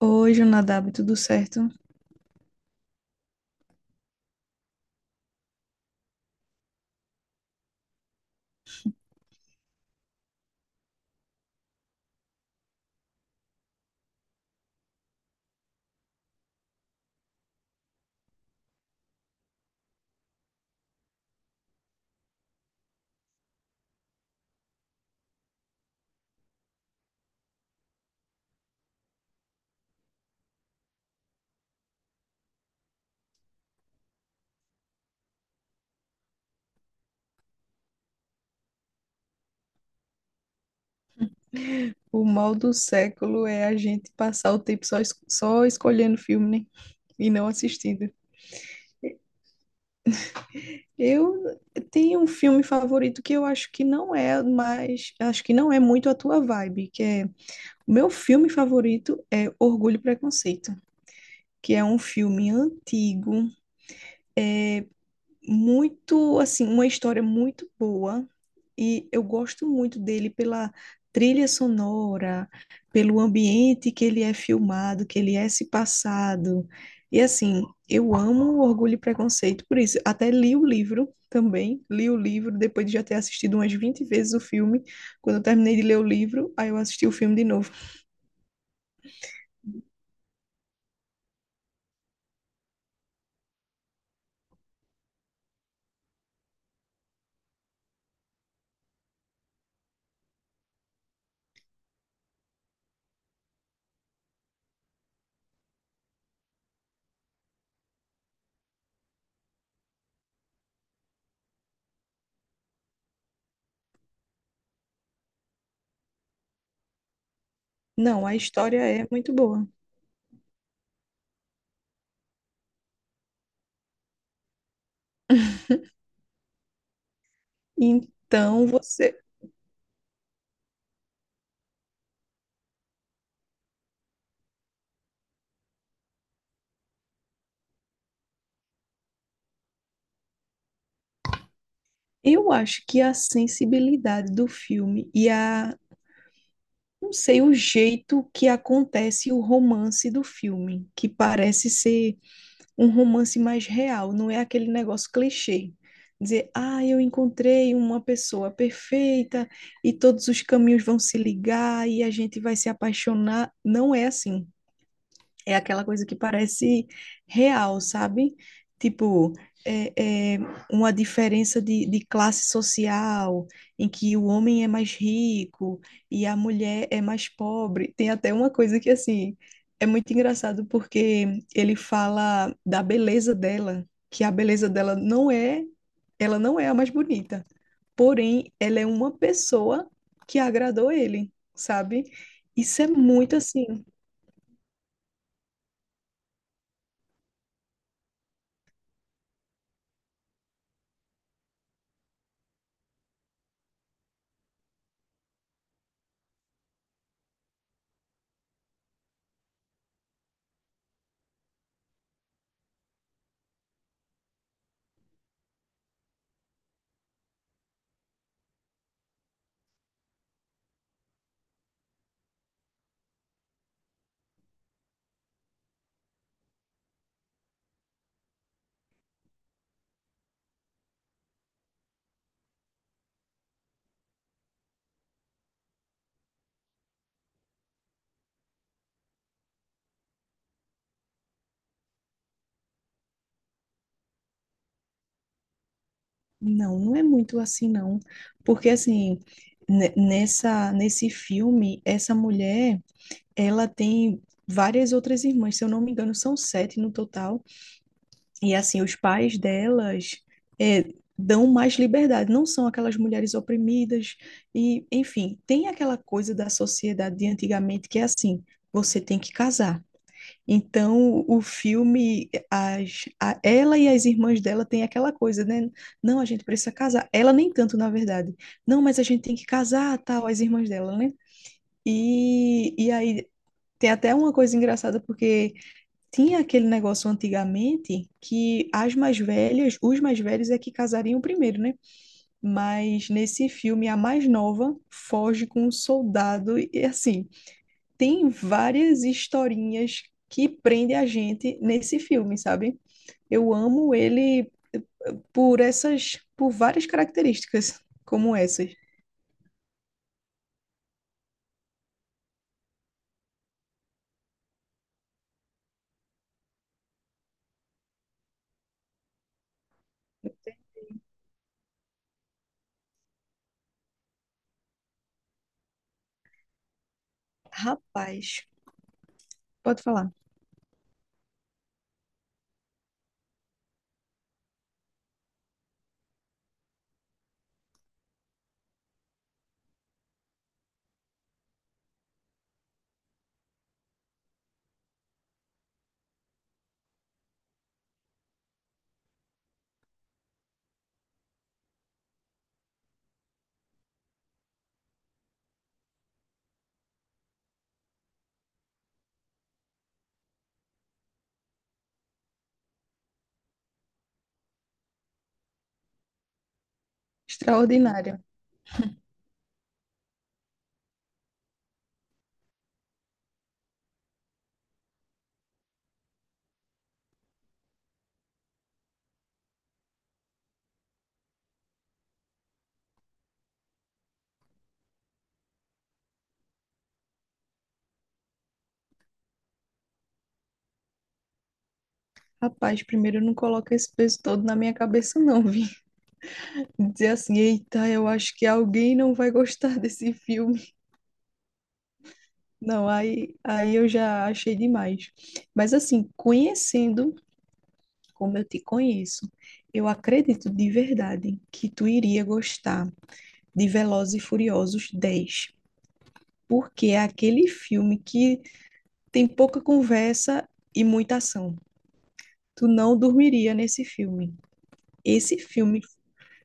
Hoje, Nadab, tudo certo? O mal do século é a gente passar o tempo só, só escolhendo filme, né? E não assistindo. Eu tenho um filme favorito que eu acho que não é mais, acho que não é muito a tua vibe, que é, o meu filme favorito é Orgulho e Preconceito, que é um filme antigo, muito, assim, uma história muito boa e eu gosto muito dele pela trilha sonora, pelo ambiente que ele é filmado, que ele é se passado. E assim, eu amo Orgulho e Preconceito, por isso, até li o livro também, li o livro depois de já ter assistido umas 20 vezes o filme. Quando eu terminei de ler o livro, aí eu assisti o filme de novo. Não, a história é muito boa. Então, você, eu acho que a sensibilidade do filme e a não sei o jeito que acontece o romance do filme, que parece ser um romance mais real, não é aquele negócio clichê. Dizer, ah, eu encontrei uma pessoa perfeita e todos os caminhos vão se ligar e a gente vai se apaixonar. Não é assim. É aquela coisa que parece real, sabe? Tipo, é uma diferença de classe social, em que o homem é mais rico e a mulher é mais pobre. Tem até uma coisa que, assim, é muito engraçado, porque ele fala da beleza dela, que a beleza dela não é, ela não é a mais bonita, porém, ela é uma pessoa que agradou ele, sabe? Isso é muito assim. Não, não é muito assim, não. Porque, assim, nesse filme, essa mulher, ela tem várias outras irmãs, se eu não me engano, são 7 no total. E, assim, os pais delas é, dão mais liberdade, não são aquelas mulheres oprimidas. E, enfim, tem aquela coisa da sociedade de antigamente que é assim: você tem que casar. Então, o filme, ela e as irmãs dela têm aquela coisa, né? Não, a gente precisa casar. Ela nem tanto, na verdade. Não, mas a gente tem que casar, tal, as irmãs dela, né? E aí tem até uma coisa engraçada, porque tinha aquele negócio antigamente que as mais velhas, os mais velhos é que casariam primeiro, né? Mas nesse filme, a mais nova foge com um soldado e assim tem várias historinhas que prendem a gente nesse filme, sabe? Eu amo ele por essas, por várias características como essas. Rapaz, pode falar. Extraordinária. Rapaz, primeiro não coloca esse peso todo na minha cabeça, não, vi. Dizer assim, eita, eu acho que alguém não vai gostar desse filme. Não, aí, aí eu já achei demais. Mas assim, conhecendo como eu te conheço, eu acredito de verdade que tu iria gostar de Velozes e Furiosos 10, porque é aquele filme que tem pouca conversa e muita ação. Tu não dormiria nesse filme. Esse filme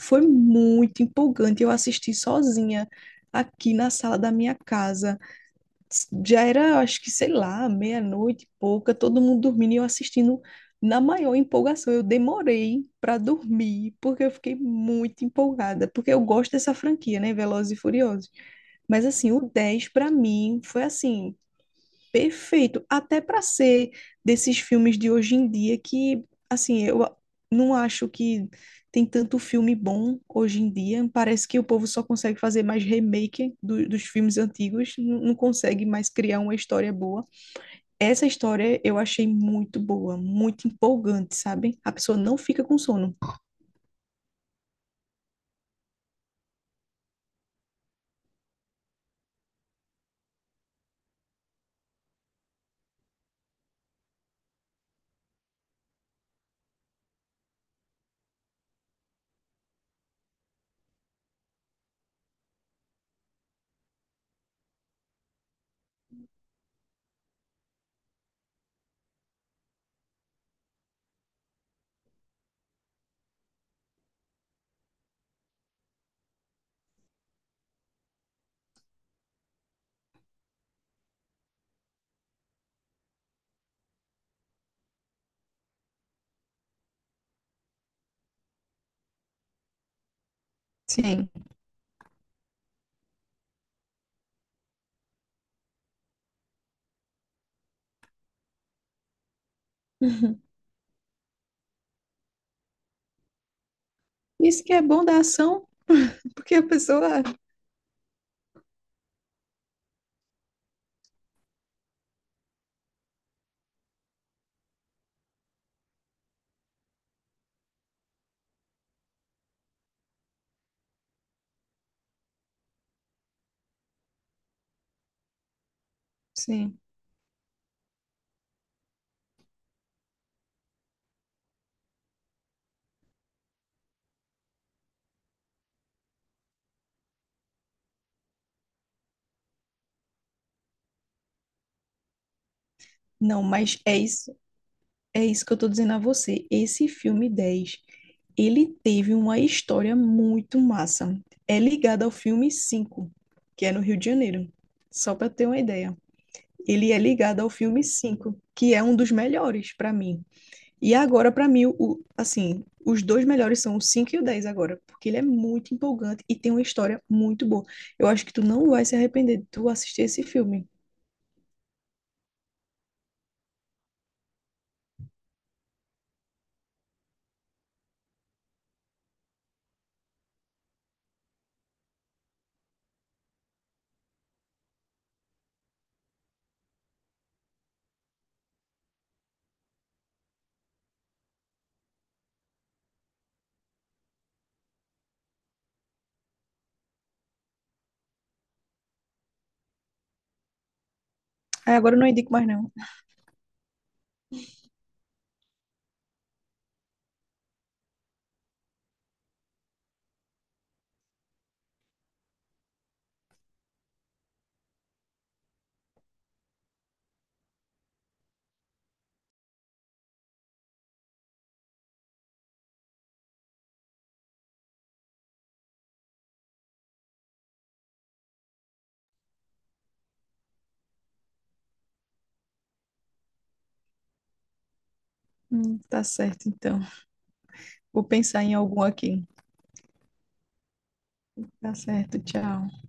foi muito empolgante. Eu assisti sozinha aqui na sala da minha casa. Já era, acho que, sei lá, meia-noite e pouca, todo mundo dormindo e eu assistindo na maior empolgação. Eu demorei para dormir, porque eu fiquei muito empolgada, porque eu gosto dessa franquia, né? Velozes e Furiosos. Mas, assim, o 10 para mim foi assim perfeito, até para ser desses filmes de hoje em dia que, assim, não acho que tem tanto filme bom hoje em dia. Parece que o povo só consegue fazer mais remake dos filmes antigos, não consegue mais criar uma história boa. Essa história eu achei muito boa, muito empolgante, sabe? A pessoa não fica com sono. Sim. Uhum. Isso que é bom da ação, porque a pessoa, sim. Não, mas é isso. É isso que eu tô dizendo a você. Esse filme 10, ele teve uma história muito massa. É ligado ao filme 5, que é no Rio de Janeiro. Só para ter uma ideia. Ele é ligado ao filme 5, que é um dos melhores para mim. E agora para mim o assim, os dois melhores são o 5 e o 10 agora, porque ele é muito empolgante e tem uma história muito boa. Eu acho que tu não vai se arrepender de tu assistir esse filme. Aí agora eu não indico mais não. Tá certo então. Vou pensar em algum aqui. Tá certo, tchau.